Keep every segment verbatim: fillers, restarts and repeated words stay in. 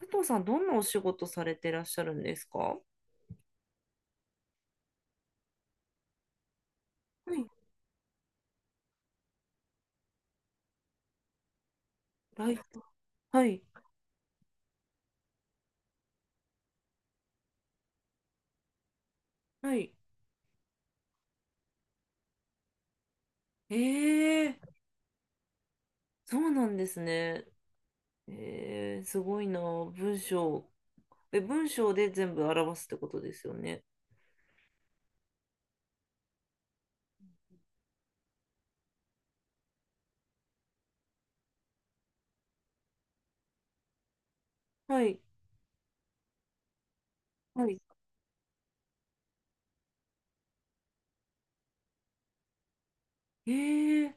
佐藤さん、どんなお仕事されてらっしゃるんですか？はい。ライター。はい。はい。ええ、そうなんですね。ええ、すごいな。文章。え、文章で全部表すってことですよね。はい。はい。ええ、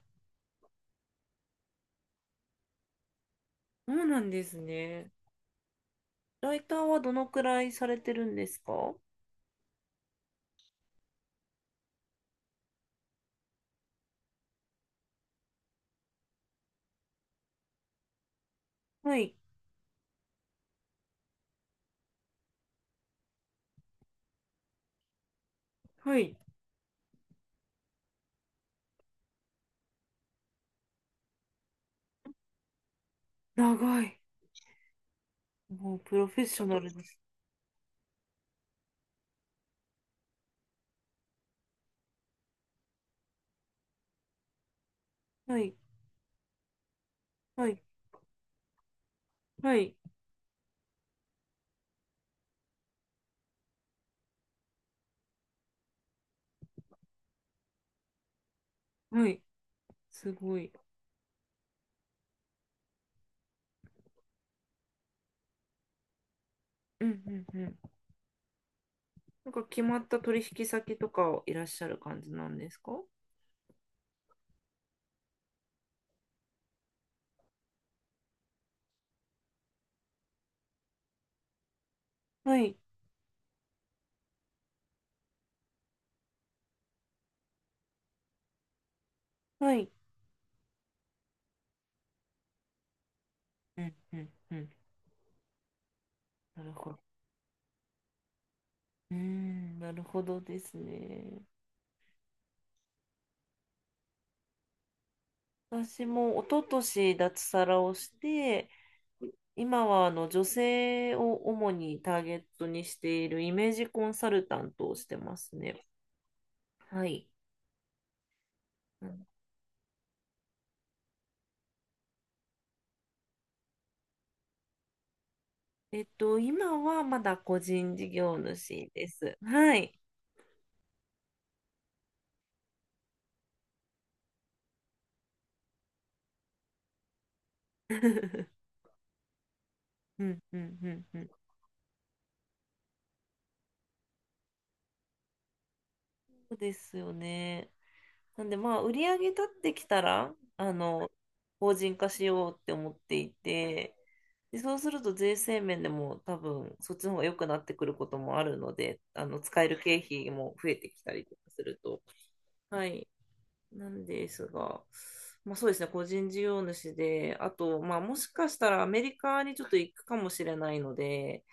そうなんですね。ライターはどのくらいされてるんですか？はい。はい。長い。もうプロフェッショナルです。はい。はい。はい。はい。すごい。うんうんうん。なんか決まった取引先とかをいらっしゃる感じなんですか？はい、はい。うんうんうん。なるほど。うーん、なるほどですね。私も一昨年脱サラをして、今はあの女性を主にターゲットにしているイメージコンサルタントをしてますね。はい。うん。えっと、今はまだ個人事業主です。はい。うんうんうんうん。そうですよね。なんでまあ売り上げ立ってきたらあの法人化しようって思っていて、でそうすると税制面でも多分そっちの方が良くなってくることもあるので、あの使える経費も増えてきたりとかすると、はい。なんですが、まあ、そうですね、個人事業主で、あとまあもしかしたらアメリカにちょっと行くかもしれないので、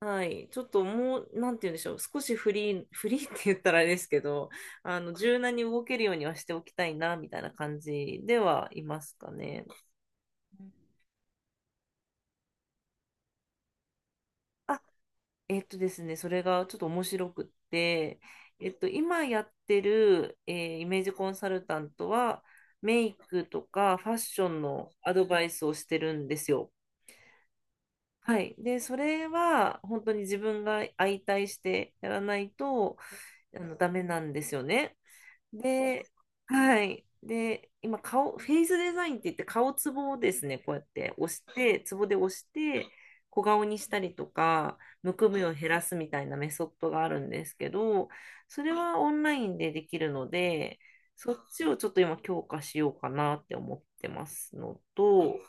はい。ちょっともう、なんて言うんでしょう。少しフリー、フリーって言ったらあれですけど、あの、柔軟に動けるようにはしておきたいな、みたいな感じではいますかね。あ、えっとですね、それがちょっと面白くって、えっと、今やってる、えーイメージコンサルタントは、メイクとかファッションのアドバイスをしてるんですよ。はい。で、それは本当に自分が相対してやらないと、あの、ダメなんですよね。で、はい。で、今顔、フェイスデザインって言って顔ツボをですね、こうやって押して、ツボで押して、小顔にしたりとか、むくみを減らすみたいなメソッドがあるんですけど、それはオンラインでできるので、そっちをちょっと今強化しようかなって思ってますのと、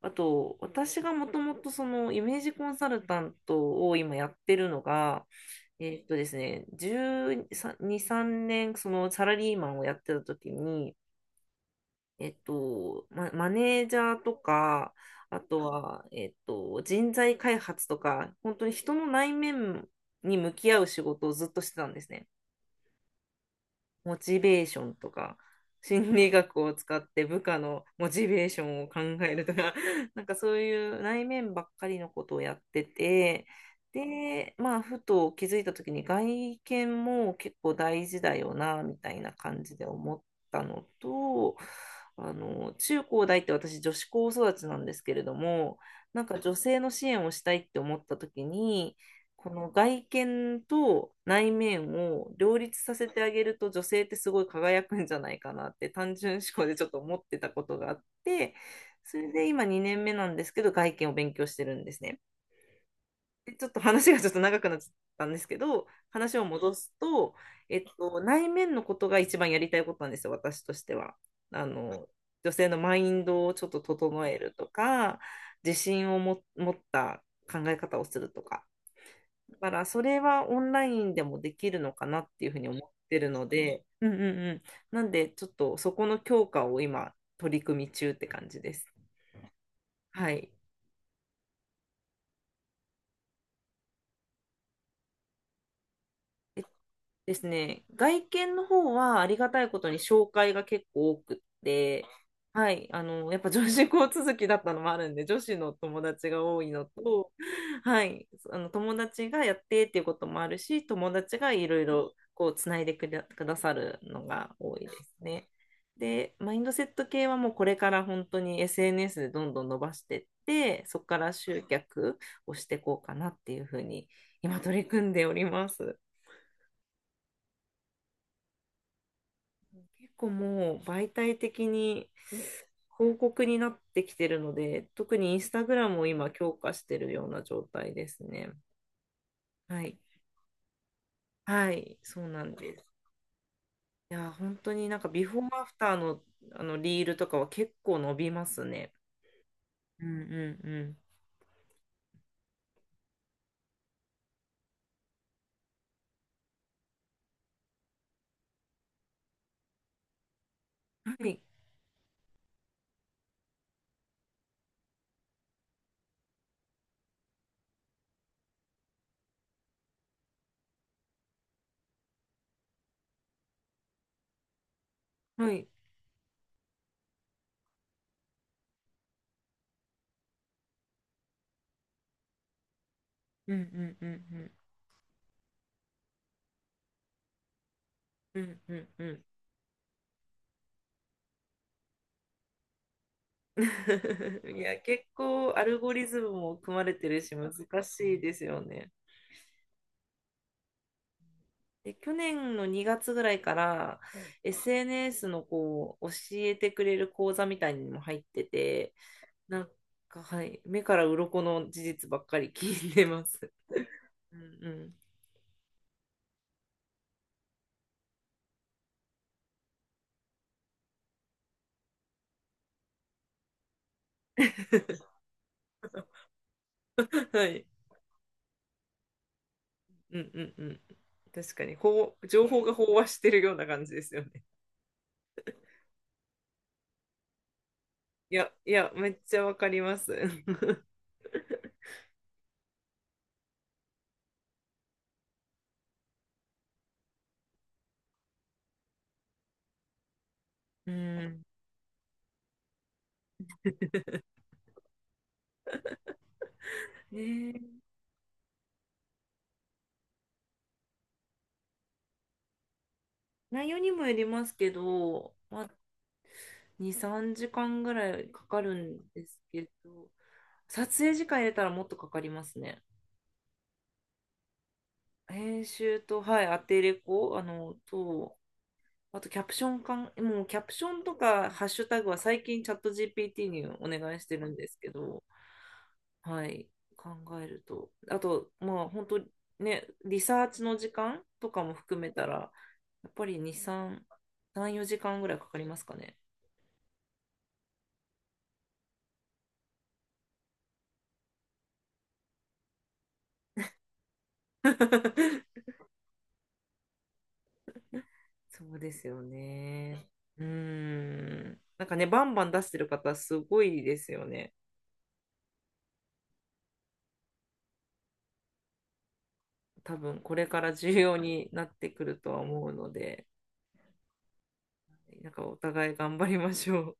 あと、私がもともとそのイメージコンサルタントを今やってるのが、えーっとですね、じゅうに、さんねんそのサラリーマンをやってた時に、えっと、マ、マネージャーとか、あとは、えっと、人材開発とか、本当に人の内面に向き合う仕事をずっとしてたんですね。モチベーションとか、心理学を使って部下のモチベーションを考えるとか、なんかそういう内面ばっかりのことをやってて、で、まあ、ふと気づいた時に外見も結構大事だよな、みたいな感じで思ったのと、あの、中高大って私女子高育ちなんですけれども、なんか女性の支援をしたいって思った時に、この外見と内面を両立させてあげると女性ってすごい輝くんじゃないかなって単純思考でちょっと思ってたことがあって、それで今にねんめなんですけど外見を勉強してるんですね。で、ちょっと話がちょっと長くなっちゃったんですけど、話を戻すと、えっと、内面のことが一番やりたいことなんですよ、私としては。あの、女性のマインドをちょっと整えるとか、自信をも持った考え方をするとか。だからそれはオンラインでもできるのかなっていうふうに思ってるので、うんうんうん。なんでちょっとそこの強化を今取り組み中って感じです。はい。えっですね、外見の方はありがたいことに紹介が結構多くって、はい、あの、やっぱ女子校続きだったのもあるんで、女子の友達が多いのと、はい、あの友達がやってっていうこともあるし、友達がいろいろこうつないでくだ、くださるのが多いですね。で、マインドセット系はもうこれから本当に エスエヌエス でどんどん伸ばしてって、そこから集客をしていこうかなっていうふうに今取り組んでおります。結構もう媒体的に広告になってきてるので、特にインスタグラムを今強化してるような状態ですね。はい。はい、そうなんです。いや、本当になんかビフォーアフターの、あのリールとかは結構伸びますね。うんうんうん。はい、はい。うんうんうんうん。うんうんうん。いや、結構アルゴリズムも組まれてるし難しいですよね。で、去年のにがつぐらいから エスエヌエス のこう教えてくれる講座みたいにも入ってて、なんかはい、目から鱗の事実ばっかり聞いてます。うんうん。はい。うんうんうん。確かに、こう、情報が飽和してるような感じですよね。いや、いや、めっちゃわかります。うん。ねえ、内容にもよりますけど、まあ、に、さんじかんぐらいかかるんですけど、撮影時間入れたらもっとかかりますね。編集と、はい、アテレコ、あの、と、あとキャプションかん、もうキャプションとかハッシュタグは最近チャット ジーピーティー にお願いしてるんですけど、はい、考えると。あと、まあ、本当ね、リサーチの時間とかも含めたら、やっぱりに、さん、さん、よじかんぐらいかかりますかね。そうですよね。うーん。なんかね、バンバン出してる方、すごいですよね。多分、これから重要になってくるとは思うので、なんかお互い頑張りましょう。